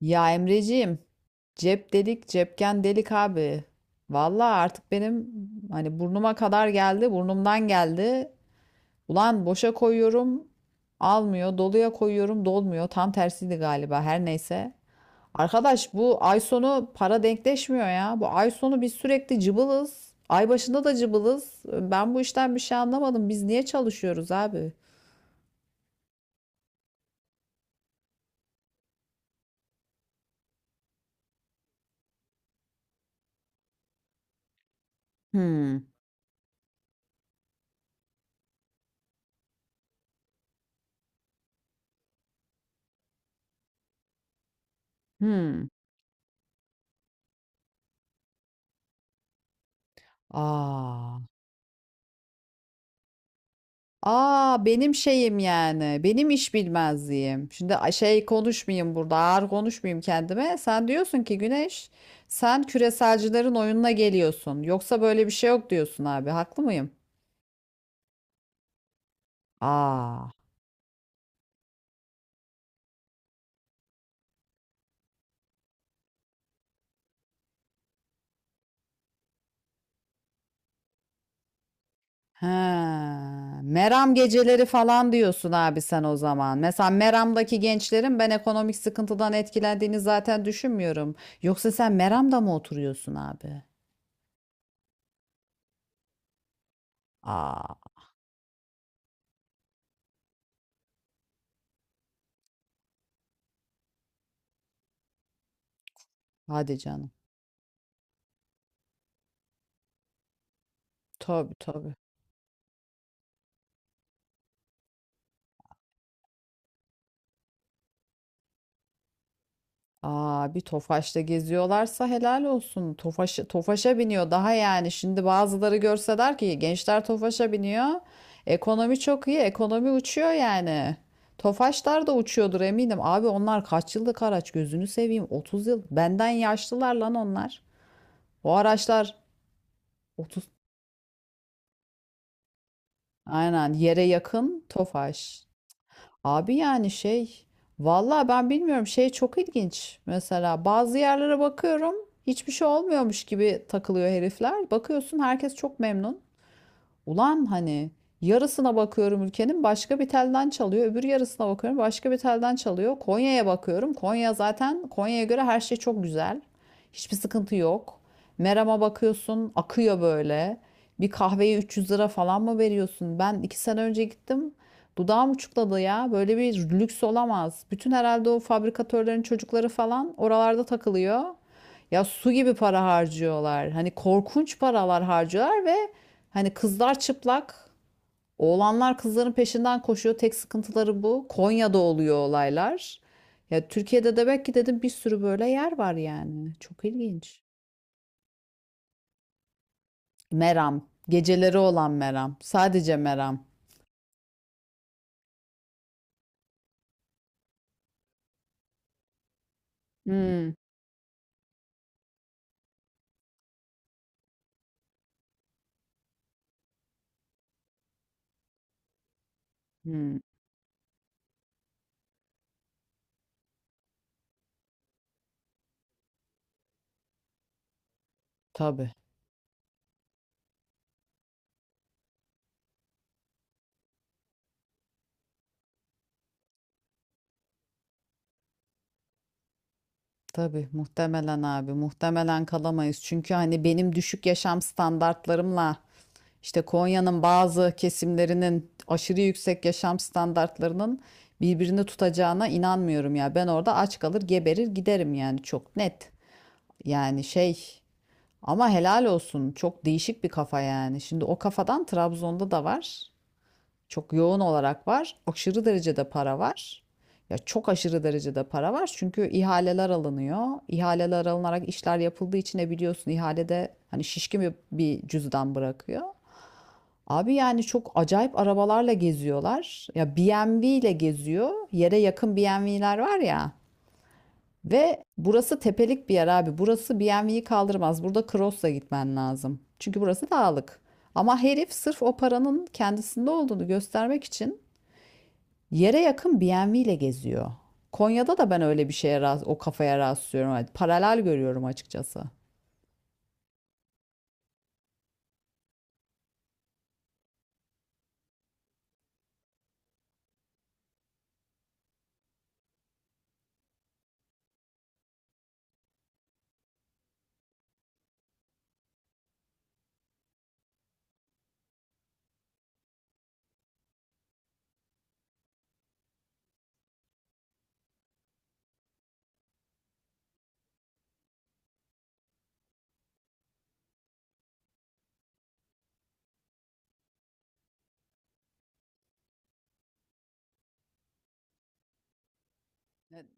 Ya Emreciğim, cep delik, cepken delik abi. Vallahi artık benim burnuma kadar geldi, burnumdan geldi. Ulan boşa koyuyorum, almıyor, doluya koyuyorum, dolmuyor. Tam tersiydi galiba, her neyse. Arkadaş bu ay sonu para denkleşmiyor ya. Bu ay sonu biz sürekli cıbılız. Ay başında da cıbılız. Ben bu işten bir şey anlamadım. Biz niye çalışıyoruz abi? Hmm. Hmm. Aa. Aa, benim şeyim yani. Benim iş bilmezliğim. Şimdi konuşmayayım burada. Ağır konuşmayayım kendime. Sen diyorsun ki Güneş, sen küreselcilerin oyununa geliyorsun. Yoksa böyle bir şey yok diyorsun abi. Haklı mıyım? Aa. He. Meram geceleri falan diyorsun abi sen o zaman. Mesela Meram'daki gençlerin ben ekonomik sıkıntıdan etkilendiğini zaten düşünmüyorum. Yoksa sen Meram'da mı oturuyorsun abi? Aa. Hadi canım. Tabii, tabii. Aa, bir Tofaş'ta geziyorlarsa helal olsun. Tofaş, Tofaş'a biniyor daha yani. Şimdi bazıları görse der ki gençler Tofaş'a biniyor. Ekonomi çok iyi. Ekonomi uçuyor yani. Tofaşlar da uçuyordur eminim. Abi onlar kaç yıllık araç gözünü seveyim. 30 yıl. Benden yaşlılar lan onlar. O araçlar 30. Aynen yere yakın Tofaş. Abi, vallahi ben bilmiyorum, çok ilginç. Mesela bazı yerlere bakıyorum, hiçbir şey olmuyormuş gibi takılıyor herifler. Bakıyorsun herkes çok memnun. Ulan yarısına bakıyorum ülkenin, başka bir telden çalıyor. Öbür yarısına bakıyorum, başka bir telden çalıyor. Konya'ya bakıyorum. Konya zaten, Konya'ya göre her şey çok güzel. Hiçbir sıkıntı yok. Meram'a bakıyorsun, akıyor böyle. Bir kahveye 300 lira falan mı veriyorsun? Ben 2 sene önce gittim. Dudağım uçukladı ya. Böyle bir lüks olamaz. Bütün, herhalde o fabrikatörlerin çocukları falan oralarda takılıyor. Ya su gibi para harcıyorlar. Korkunç paralar harcıyorlar ve kızlar çıplak, oğlanlar kızların peşinden koşuyor. Tek sıkıntıları bu. Konya'da oluyor olaylar. Ya Türkiye'de de belki dedim bir sürü böyle yer var yani. Çok ilginç. Meram. Geceleri olan Meram. Sadece Meram. Hmm. Hmm. Tabii. Tabii, muhtemelen abi, muhtemelen kalamayız. Çünkü benim düşük yaşam standartlarımla İşte Konya'nın bazı kesimlerinin aşırı yüksek yaşam standartlarının birbirini tutacağına inanmıyorum ya. Ben orada aç kalır, geberir, giderim yani, çok net. Yani şey Ama helal olsun, çok değişik bir kafa yani. Şimdi o kafadan Trabzon'da da var. Çok yoğun olarak var. Aşırı derecede para var. Ya çok aşırı derecede para var. Çünkü ihaleler alınıyor. İhaleler alınarak işler yapıldığı için ne biliyorsun, ihalede şişkin bir cüzdan bırakıyor. Abi yani çok acayip arabalarla geziyorlar. Ya BMW ile geziyor. Yere yakın BMW'ler var ya. Ve burası tepelik bir yer abi. Burası BMW'yi kaldırmaz. Burada Cross'la gitmen lazım. Çünkü burası dağlık. Ama herif sırf o paranın kendisinde olduğunu göstermek için yere yakın BMW ile geziyor. Konya'da da ben öyle bir şeye rast- o kafaya rastlıyorum. Yani paralel görüyorum açıkçası.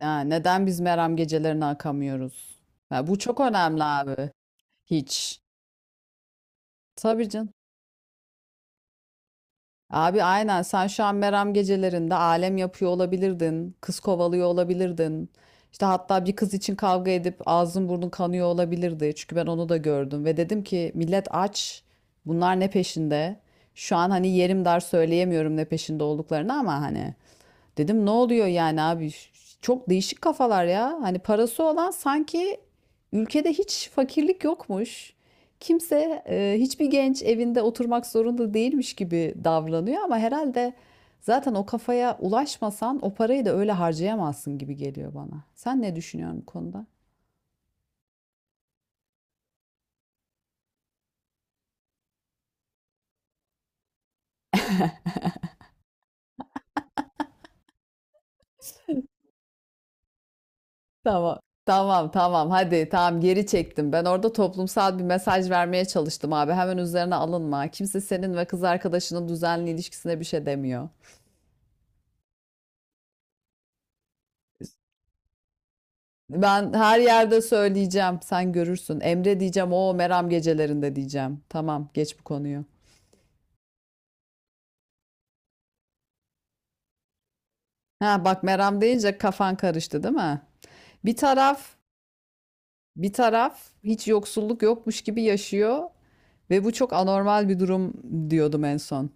Ha, neden biz Meram gecelerine akamıyoruz? Ya bu çok önemli abi. Hiç. Tabii canım. Abi aynen, sen şu an Meram gecelerinde alem yapıyor olabilirdin. Kız kovalıyor olabilirdin. İşte hatta bir kız için kavga edip ağzın burnun kanıyor olabilirdi. Çünkü ben onu da gördüm ve dedim ki millet aç. Bunlar ne peşinde? Şu an yerim dar söyleyemiyorum ne peşinde olduklarını ama hani. Dedim ne oluyor yani abi? Çok değişik kafalar ya. Parası olan sanki ülkede hiç fakirlik yokmuş, kimse, hiçbir genç evinde oturmak zorunda değilmiş gibi davranıyor. Ama herhalde zaten o kafaya ulaşmasan o parayı da öyle harcayamazsın gibi geliyor bana. Sen ne düşünüyorsun bu konuda? Tamam. Tamam, hadi, geri çektim. Ben orada toplumsal bir mesaj vermeye çalıştım abi. Hemen üzerine alınma. Kimse senin ve kız arkadaşının düzenli ilişkisine bir şey demiyor. Ben her yerde söyleyeceğim. Sen görürsün. Emre diyeceğim. O Meram gecelerinde diyeceğim. Tamam, geç bu konuyu. Ha bak, Meram deyince kafan karıştı değil mi? Bir taraf bir taraf hiç yoksulluk yokmuş gibi yaşıyor ve bu çok anormal bir durum diyordum en son.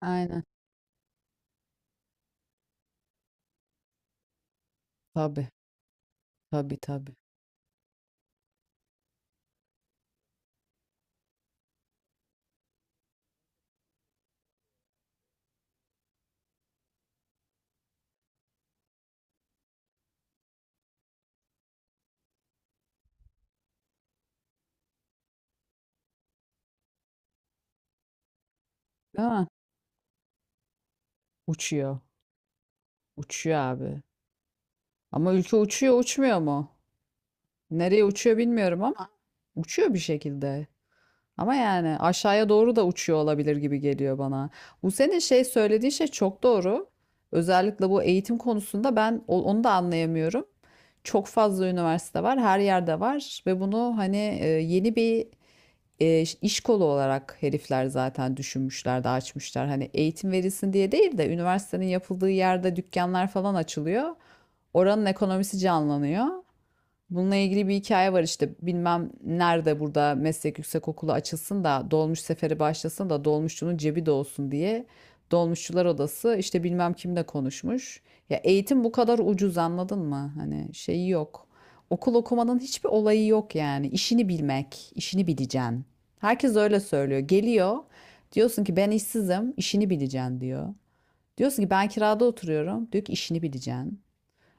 Aynen. Tabii, tabii, tabii. Değil mi? Uçuyor. Uçuyor abi. Ama ülke uçuyor, uçmuyor mu? Nereye uçuyor bilmiyorum ama uçuyor bir şekilde. Ama yani aşağıya doğru da uçuyor olabilir gibi geliyor bana. Bu senin şey söylediği şey çok doğru. Özellikle bu eğitim konusunda ben onu da anlayamıyorum. Çok fazla üniversite var, her yerde var ve bunu yeni bir iş kolu olarak herifler zaten düşünmüşler de açmışlar. Hani eğitim verilsin diye değil de üniversitenin yapıldığı yerde dükkanlar falan açılıyor. Oranın ekonomisi canlanıyor. Bununla ilgili bir hikaye var, işte bilmem nerede burada meslek yüksekokulu açılsın da dolmuş seferi başlasın da dolmuşçunun cebi de diye, dolmuşçular odası işte bilmem kimle konuşmuş. Ya eğitim bu kadar ucuz, anladın mı? Hani şeyi yok. Okul okumanın hiçbir olayı yok yani. İşini bilmek, işini bileceksin. Herkes öyle söylüyor. Geliyor, diyorsun ki ben işsizim, işini bileceksin diyor. Diyorsun ki ben kirada oturuyorum. Diyor ki işini bileceksin.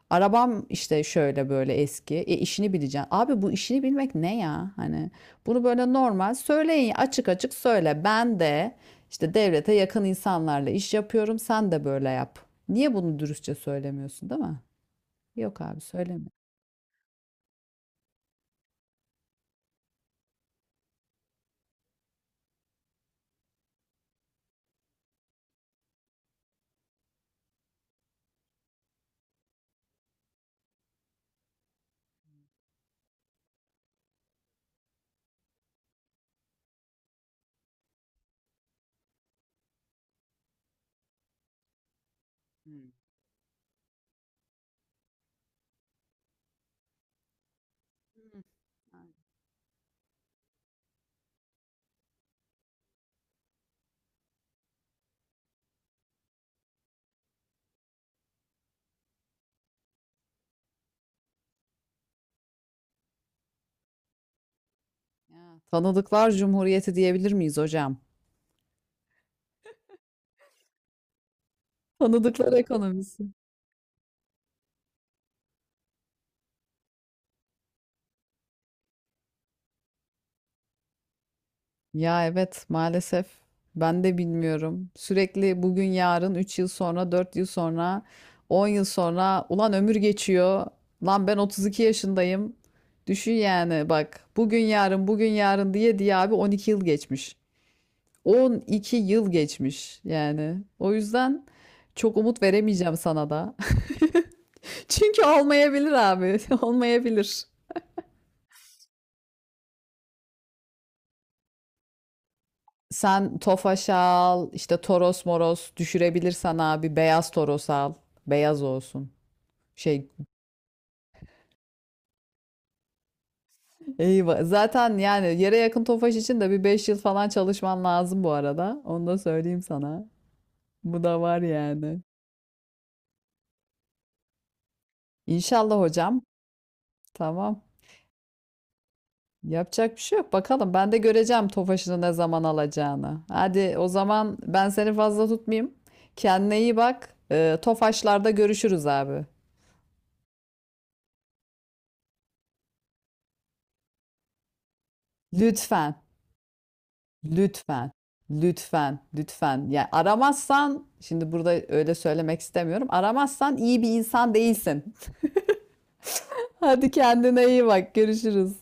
Arabam işte şöyle böyle eski. E işini bileceksin. Abi bu işini bilmek ne ya? Hani bunu böyle normal söyleyin, açık açık söyle. Ben de işte devlete yakın insanlarla iş yapıyorum. Sen de böyle yap. Niye bunu dürüstçe söylemiyorsun, değil mi? Yok abi, söyleme. Hmm. Ya, tanıdıklar Cumhuriyeti diyebilir miyiz hocam? Tanıdıklar ekonomisi. Ya evet, maalesef ben de bilmiyorum. Sürekli bugün yarın, 3 yıl sonra, 4 yıl sonra, 10 yıl sonra, ulan ömür geçiyor. Lan ben 32 yaşındayım. Düşün yani, bak, bugün yarın bugün yarın diye diye abi 12 yıl geçmiş. 12 yıl geçmiş yani. O yüzden çok umut veremeyeceğim sana da. Çünkü olmayabilir abi, olmayabilir. Sen Tofaş al, işte Toros moros düşürebilirsen abi beyaz Toros al. Beyaz olsun. Şey Eyvah. Zaten yani yere yakın Tofaş için de bir 5 yıl falan çalışman lazım bu arada. Onu da söyleyeyim sana. Bu da var yani. İnşallah hocam. Tamam. Yapacak bir şey yok. Bakalım, ben de göreceğim Tofaş'ını ne zaman alacağını. Hadi o zaman ben seni fazla tutmayayım. Kendine iyi bak. Tofaşlarda görüşürüz abi. Lütfen. Lütfen, lütfen, lütfen. Yani aramazsan, şimdi burada öyle söylemek istemiyorum. Aramazsan iyi bir insan değilsin. Hadi kendine iyi bak. Görüşürüz.